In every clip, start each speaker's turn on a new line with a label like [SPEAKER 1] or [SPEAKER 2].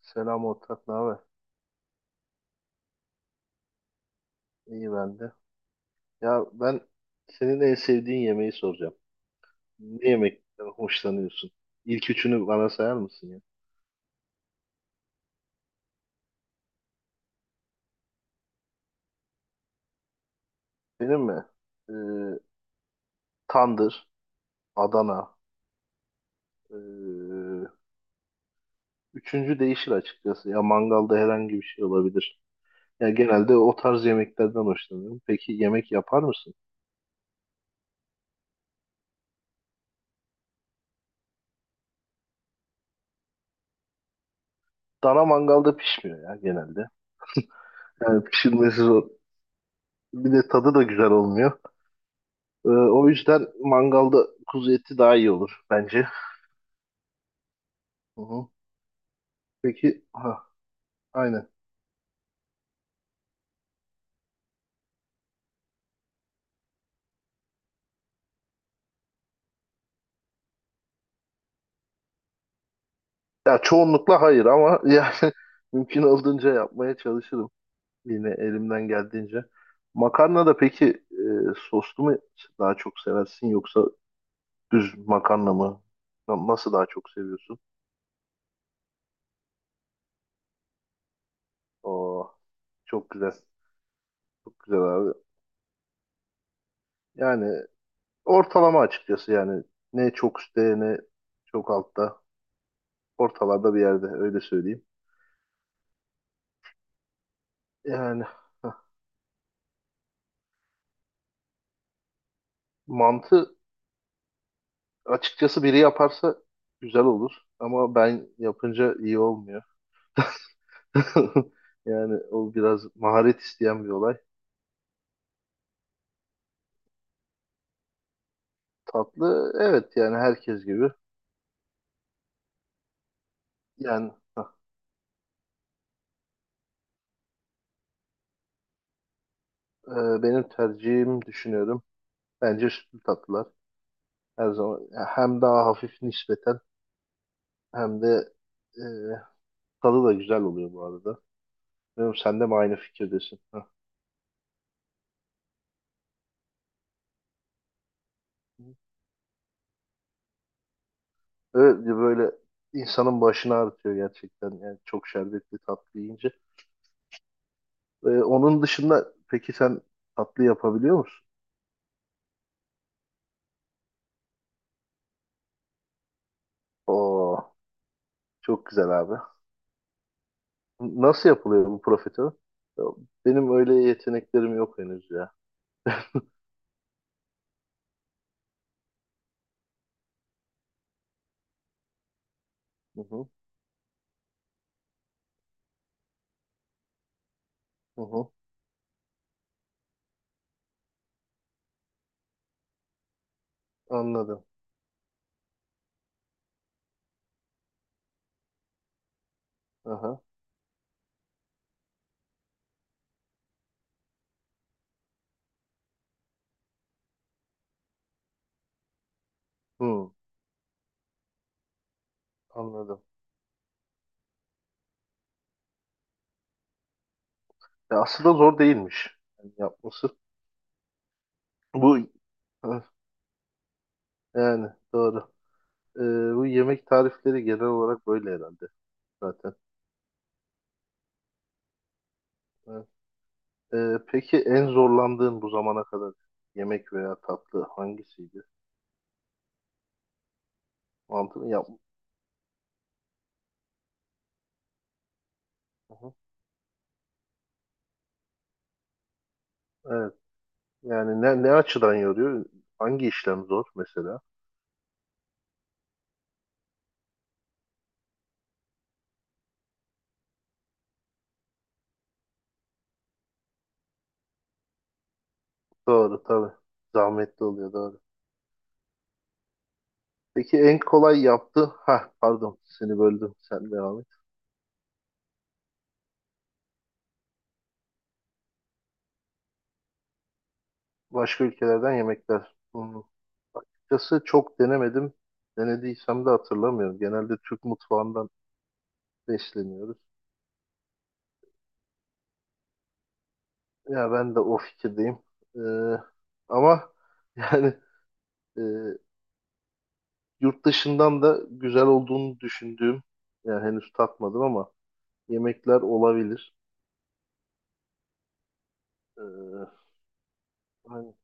[SPEAKER 1] Selam ortak, ne haber? İyi ben de. Ya ben senin en sevdiğin yemeği soracağım. Ne yemekten hoşlanıyorsun? İlk üçünü bana sayar mısın ya? Benim mi? Ee, Tandır, Adana. Ee, Üçüncü değişir açıkçası. Ya mangalda herhangi bir şey olabilir. Ya genelde o tarz yemeklerden hoşlanıyorum. Peki yemek yapar mısın? Dana mangalda pişmiyor ya genelde. Yani pişirmesi zor. Bir de tadı da güzel olmuyor. O yüzden mangalda kuzu eti daha iyi olur bence. Hı hı. Peki, ha, aynen. Ya çoğunlukla hayır ama yani mümkün olduğunca yapmaya çalışırım. Yine elimden geldiğince. Makarna da peki soslu mu daha çok seversin yoksa düz makarna mı? Nasıl daha çok seviyorsun? Oo, çok güzel. Çok güzel abi. Yani ortalama açıkçası, yani ne çok üstte ne çok altta. Ortalarda bir yerde, öyle söyleyeyim. Yani mantı. Açıkçası biri yaparsa güzel olur ama ben yapınca iyi olmuyor. Yani o biraz maharet isteyen bir olay. Tatlı, evet, yani herkes gibi. Yani hah, e, benim tercihim, düşünüyorum. Bence sütlü tatlılar her zaman hem daha hafif nispeten hem de e, tadı da güzel oluyor bu arada. Bilmiyorum, sen de mi aynı fikirdesin? Hah. Evet, böyle insanın başını ağrıtıyor gerçekten. Yani çok şerbetli tatlı yiyince. Onun dışında peki sen tatlı yapabiliyor musun? Oo, çok güzel abi. Nasıl yapılıyor bu profiterol? Ya, benim öyle yeteneklerim yok henüz ya. Hı hı, hı hı. Anladım. Aha. Hı, anladım. Ya aslında zor değilmiş yani yapması. Bu Hı, yani doğru. Ee, Bu yemek tarifleri genel olarak böyle herhalde zaten. Hı. Peki en zorlandığın bu zamana kadar yemek veya tatlı hangisiydi? Mantı mı yapma? Hı hı. Yani ne açıdan yoruyor? Hangi işlem zor mesela? Doğru tabii. Zahmetli oluyor, doğru. Peki en kolay yaptı. Ha, pardon, seni böldüm. Sen devam et. Başka ülkelerden yemekler. Hmm. Açıkçası çok denemedim. Denediysem de hatırlamıyorum. Genelde Türk mutfağından besleniyoruz. Ya ben de o fikirdeyim. Ee, Ama yani e, yurt dışından da güzel olduğunu düşündüğüm, yani henüz tatmadım ama, yemekler olabilir. Ee, Aynen.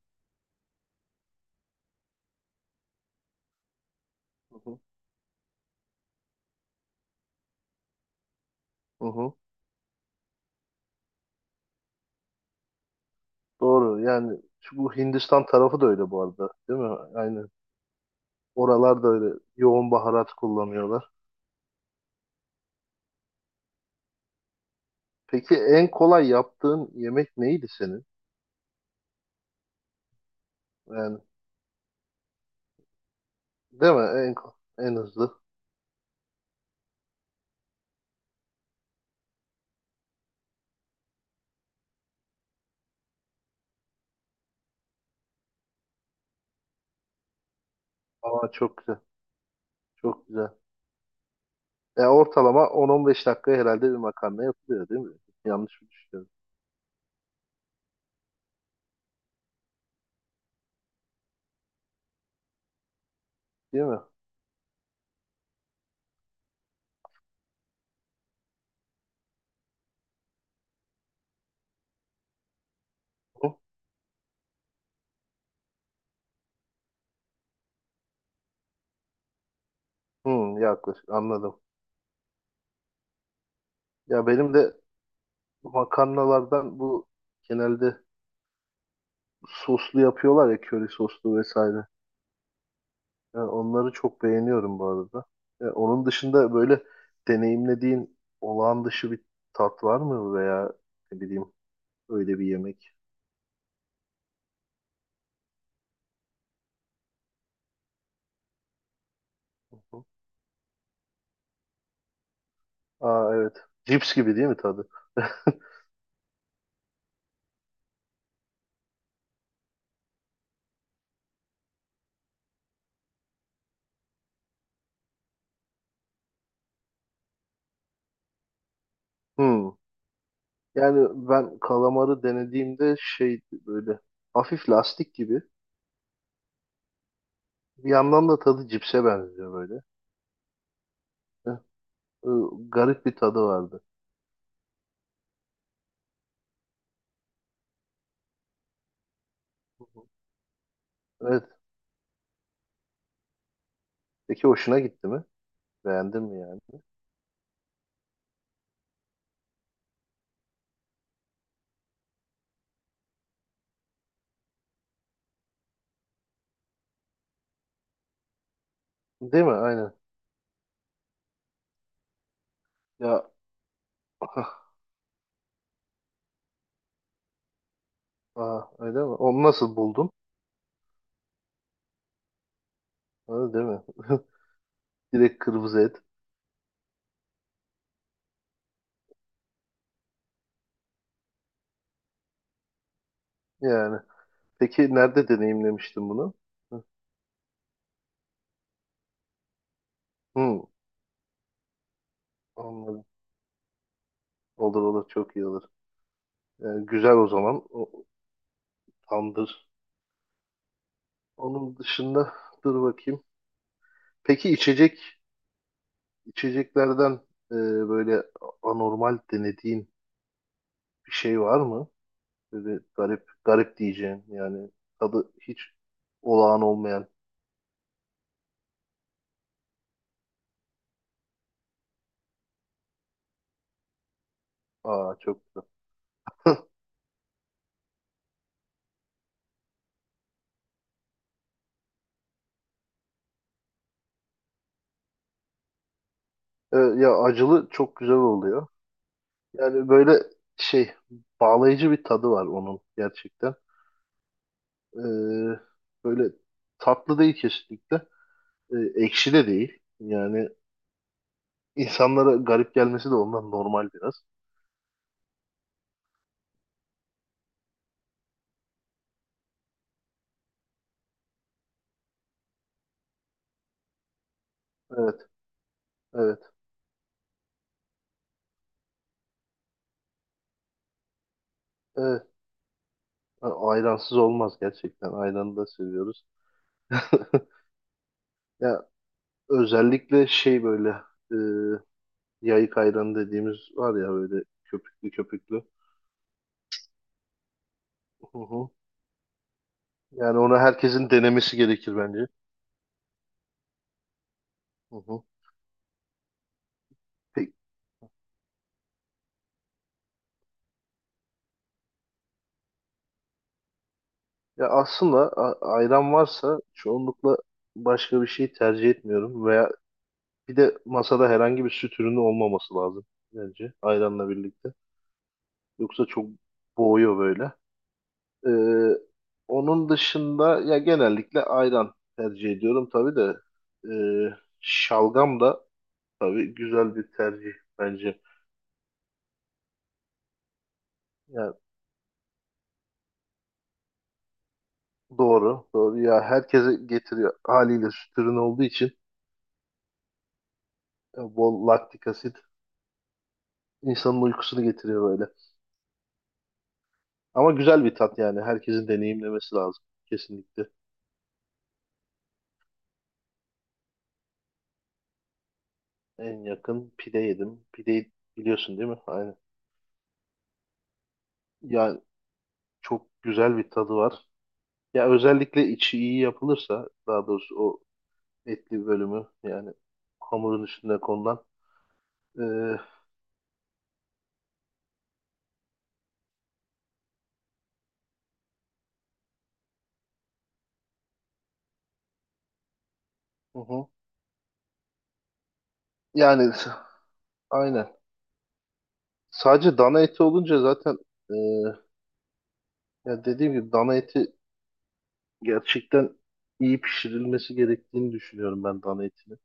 [SPEAKER 1] Hı hı. Hı hı. Doğru. Yani şu, bu Hindistan tarafı da öyle bu arada, değil mi? Aynen. Oralar da öyle yoğun baharat kullanıyorlar. Peki en kolay yaptığın yemek neydi senin? Yani, değil mi? En hızlı. Ama çok güzel. Çok güzel. Ortalama 10-15 dakikaya herhalde bir makarna yapılıyor, değil mi? Yanlış mı düşünüyorum? Değil mi? Hı? Hı, yaklaşık anladım. Ya benim de makarnalardan bu genelde soslu yapıyorlar ya, köri soslu vesaire. Yani onları çok beğeniyorum bu arada. Yani onun dışında böyle deneyimlediğin olağan dışı bir tat var mı veya ne bileyim öyle bir yemek? Hı hı. Aa, evet. Cips gibi değil mi tadı? Hmm. Yani ben kalamarı denediğimde şey, böyle hafif lastik gibi. Bir yandan da tadı cipse benziyor böyle. Heh, garip bir tadı vardı. Hı hı. Evet. Peki hoşuna gitti mi? Beğendin mi yani? Değil mi? Aynen. Ya ah, aa, öyle mi? Onu nasıl buldun? Öyle değil mi? Direkt kırmızı et. Yani. Peki nerede deneyimlemiştin bunu? Hı, hı, anladım. Olur olur, çok iyi olur. Yani güzel o zaman. O, tamdır. Onun dışında dur bakayım. Peki içeceklerden e, böyle anormal denediğin bir şey var mı? Böyle garip garip diyeceğin, yani tadı hiç olağan olmayan. Aa, çok güzel. Ya acılı çok güzel oluyor. Yani böyle şey, bağlayıcı bir tadı var onun gerçekten. Ee, Böyle tatlı değil kesinlikle. Ee, Ekşi de değil. Yani insanlara garip gelmesi de ondan, normal biraz. Evet, evet, evet. Ayransız olmaz gerçekten. Ayranı da seviyoruz. Ya özellikle şey, böyle e, yayık ayranı dediğimiz var ya, böyle köpüklü köpüklü. Hı hı. Yani onu herkesin denemesi gerekir bence. Hı hı. Peki. Ya aslında ayran varsa çoğunlukla başka bir şey tercih etmiyorum, veya bir de masada herhangi bir süt ürünü olmaması lazım bence ayranla birlikte. Yoksa çok boğuyor böyle. Ee, Onun dışında ya genellikle ayran tercih ediyorum tabii de, ee, şalgam da tabii güzel bir tercih bence. Yani doğru, doğru. Ya herkese getiriyor haliyle, süt ürünü olduğu için bol laktik asit insanın uykusunu getiriyor böyle. Ama güzel bir tat yani. Herkesin deneyimlemesi lazım. Kesinlikle. En yakın pide yedim. Pideyi biliyorsun değil mi? Aynen. Ya çok güzel bir tadı var. Ya özellikle içi iyi yapılırsa, daha doğrusu o etli bölümü, yani hamurun üstüne konulan. Hı hı. Yani aynen. Sadece dana eti olunca zaten, ee, ya dediğim gibi dana eti gerçekten iyi pişirilmesi gerektiğini düşünüyorum ben, dana etini.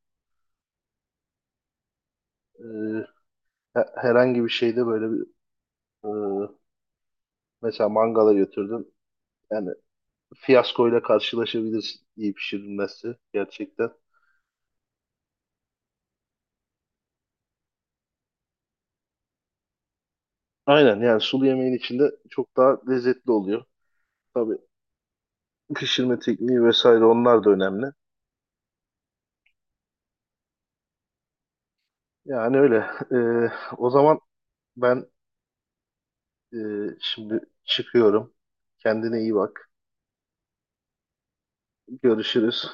[SPEAKER 1] Ee, Herhangi bir şeyde böyle bir. Ee, Mesela mangala götürdüm. Yani fiyaskoyla karşılaşabilirsin iyi pişirilmezse gerçekten. Aynen, yani sulu yemeğin içinde çok daha lezzetli oluyor. Tabii pişirme tekniği vesaire, onlar da önemli. Yani öyle. Ee, O zaman ben e, şimdi çıkıyorum. Kendine iyi bak. Görüşürüz.